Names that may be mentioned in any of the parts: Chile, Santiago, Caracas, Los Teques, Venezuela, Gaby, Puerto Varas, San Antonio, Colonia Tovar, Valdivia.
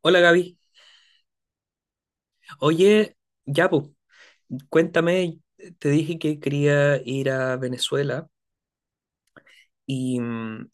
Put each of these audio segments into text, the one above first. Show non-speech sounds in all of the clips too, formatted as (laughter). Hola, Gaby. Oye, ya pues, cuéntame, te dije que quería ir a Venezuela y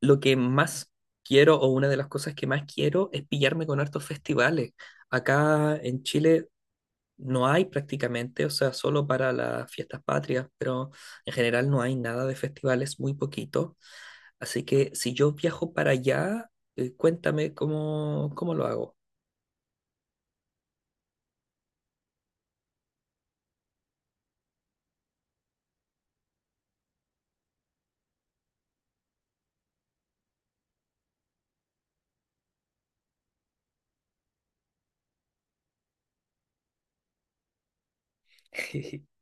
lo que más quiero o una de las cosas que más quiero es pillarme con hartos festivales. Acá en Chile no hay prácticamente, o sea, solo para las fiestas patrias, pero en general no hay nada de festivales, muy poquito. Así que si yo viajo para allá, cuéntame cómo, cómo lo hago. (laughs)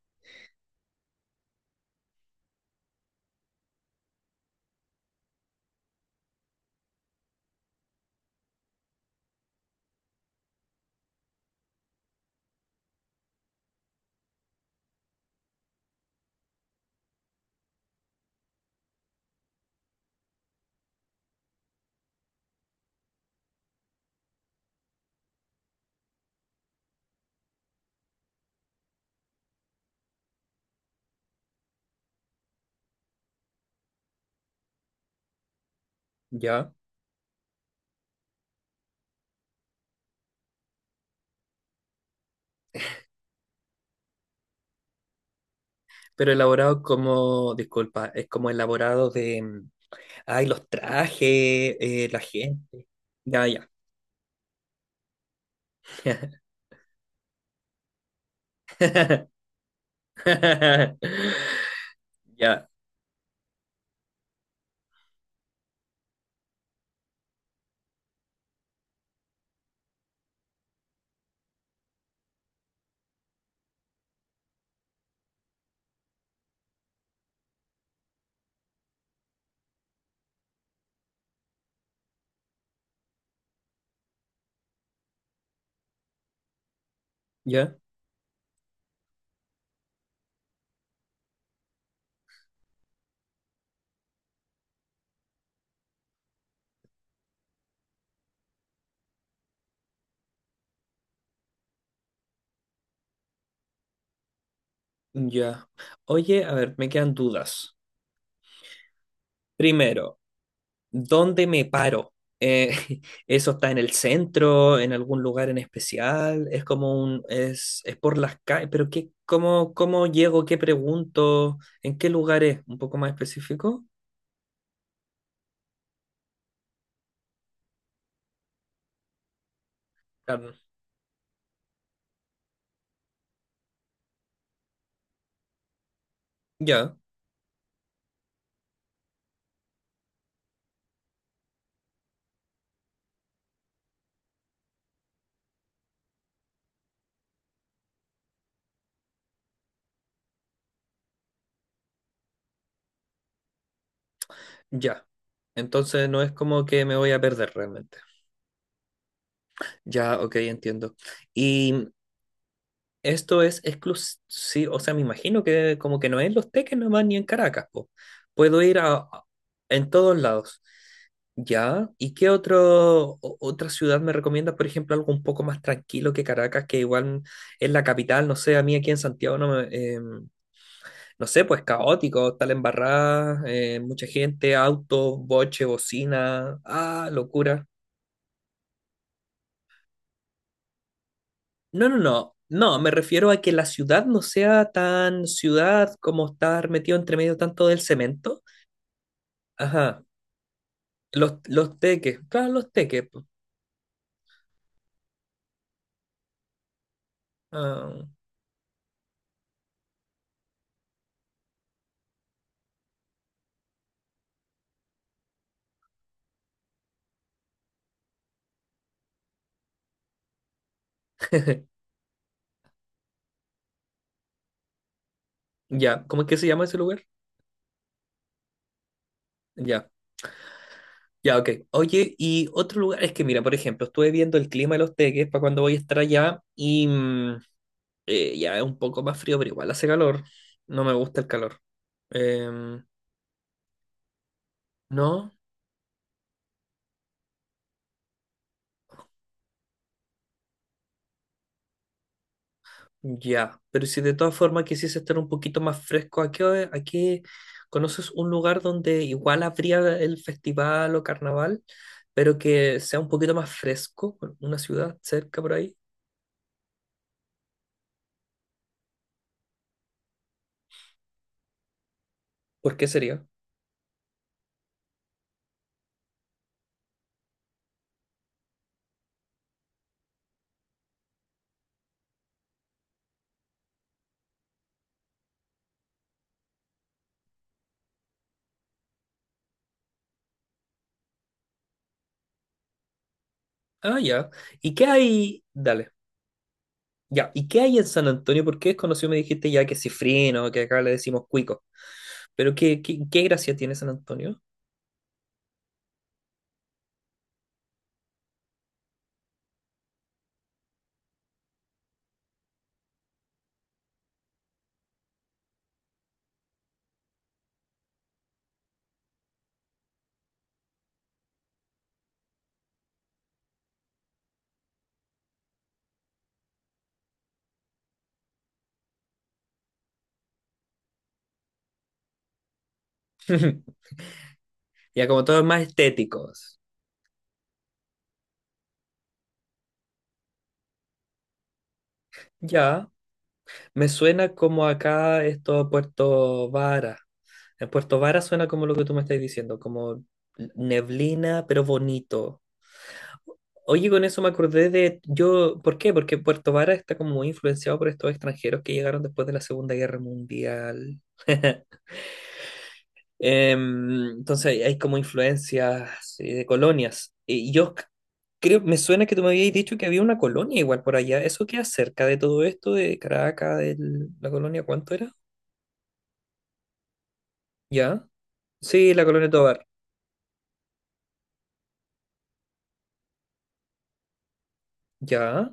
¿Ya? Pero elaborado como, disculpa, es como elaborado de, ay, los trajes, la gente. Ya, ya. (laughs) Ya, ya, ya. Oye, a ver, me quedan dudas. Primero, ¿dónde me paro? Eh, (laughs) ¿eso está en el centro, en algún lugar en especial? Es como un, es por las calles, pero qué, cómo, cómo llego, qué pregunto, en qué lugar es, un poco más específico. Claro. Ya. Ya. Entonces no es como que me voy a perder realmente. Ya, ok, entiendo. Y esto es exclusivo, o sea, me imagino que como que no es en Los Teques nomás ni en Caracas, po. Puedo ir a- en todos lados. Ya. ¿Y qué otro, o- otra ciudad me recomiendas? Por ejemplo, algo un poco más tranquilo que Caracas, que igual es la capital, no sé, a mí aquí en Santiago no me, em, no sé, pues caótico, tal embarrada, mucha gente, autos, boche, bocina, ah, locura. No, no, no. No, me refiero a que la ciudad no sea tan ciudad como estar metido entre medio tanto del cemento. Ajá. Los teques. Claro, los teques, po. Ah, (laughs) ya. ¿Cómo es que se llama ese lugar? Ya. Ya, ok. Oye, y otro lugar, es que mira, por ejemplo, estuve viendo el clima de los teques para cuando voy a estar allá y ya es un poco más frío, pero igual hace calor. No me gusta el calor. Em, ¿no? Ya, pero si de todas formas quisiese estar un poquito más fresco, ¿a qué, hora- a qué- conoces un lugar donde igual habría el festival o carnaval, pero que sea un poquito más fresco, una ciudad cerca por ahí? ¿Por qué sería? Ah, ya. ¿Y qué hay? Dale. Ya, ¿y qué hay en San Antonio? Porque es conocido, me dijiste ya que cifrino, que acá le decimos cuico. Pero ¿qué, qué, qué gracia tiene San Antonio? (laughs) Ya, como todos más estéticos. Ya, me suena como acá esto Puerto Varas. En Puerto Vara suena como lo que tú me estás diciendo, como neblina, pero bonito. Oye, con eso me acordé de yo, ¿por qué? Porque Puerto Vara está como muy influenciado por estos extranjeros que llegaron después de la Segunda Guerra Mundial. (laughs) Em, entonces hay como influencias de colonias. Y yo c- creo, me suena que tú me habías dicho que había una colonia igual por allá. ¿Eso queda cerca de todo esto, de Caracas, de la colonia, cuánto era? ¿Ya? Sí, la colonia Tovar. Ya,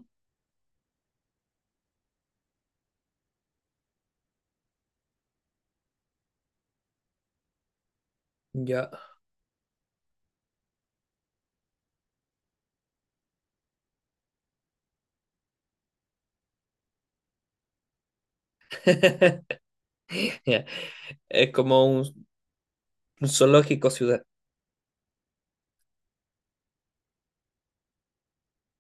ya. (laughs) Ya. Es como un zoológico ciudad.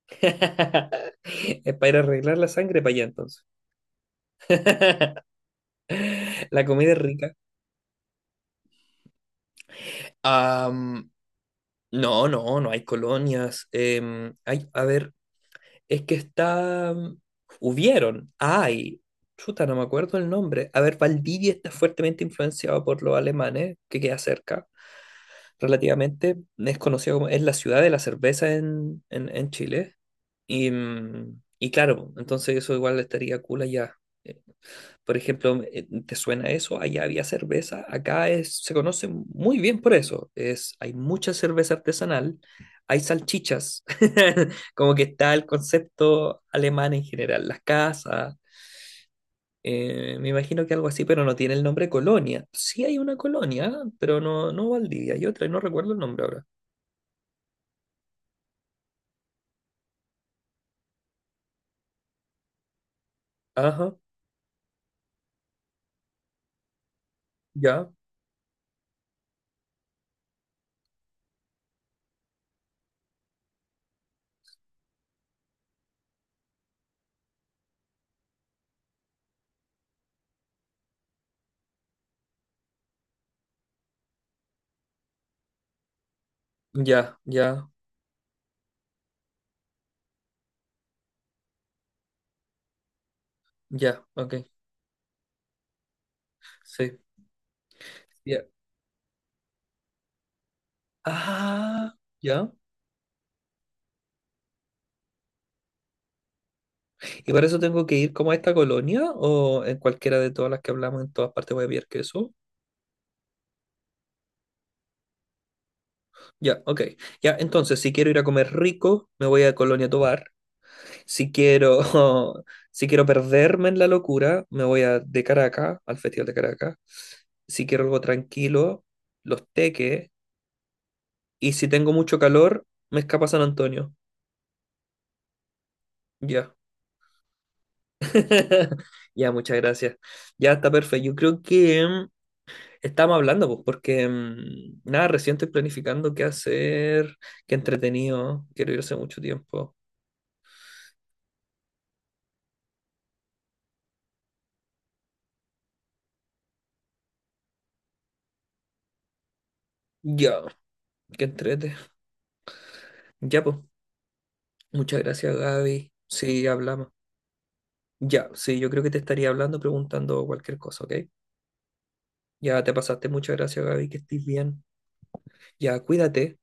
(laughs) Es para ir a arreglar la sangre para allá entonces. (laughs) La comida es rica. Am, no, no, no hay colonias. Em, hay, a ver, es que está... Hubieron, ay, chuta, no me acuerdo el nombre. A ver, Valdivia está fuertemente influenciado por los alemanes, que queda cerca. Relativamente, es conocido como, es la ciudad de la cerveza en Chile. Y, y claro, entonces eso igual estaría cool allá. Eh, Por ejemplo, ¿te suena eso? Allá había cerveza, acá es, se conoce muy bien por eso. Es, hay mucha cerveza artesanal, hay salchichas, (laughs) como que está el concepto alemán en general, las casas. Me imagino que algo así, pero no tiene el nombre colonia. Sí hay una colonia, pero no, no Valdivia, hay otra, y no recuerdo el nombre ahora. Ajá, ya, ya, ya, ya, ok, sí, ya. Ah, ya. ¿Y para eso tengo que ir como a esta colonia o en cualquiera de todas las que hablamos, en todas partes voy a pillar queso? Ya, ok. Ya, entonces, si quiero ir a comer rico, me voy a Colonia Tovar. Si quiero, (laughs) si quiero perderme en la locura, me voy a de Caracas, al Festival de Caracas. Si quiero algo tranquilo, Los Teques. Y si tengo mucho calor, me escapa San Antonio. Ya. (laughs) Ya, muchas gracias. Ya está perfecto. Yo creo que estamos hablando, pues, porque nada, recién estoy planificando qué hacer, qué entretenido. Quiero ir hace mucho tiempo. Ya, qué entrete. Ya, pues, muchas gracias, Gaby. Sí, hablamos. Ya, sí, yo creo que te estaría hablando, preguntando cualquier cosa, ¿ok? Ya te pasaste. Muchas gracias, Gaby, que estés bien. Ya, cuídate.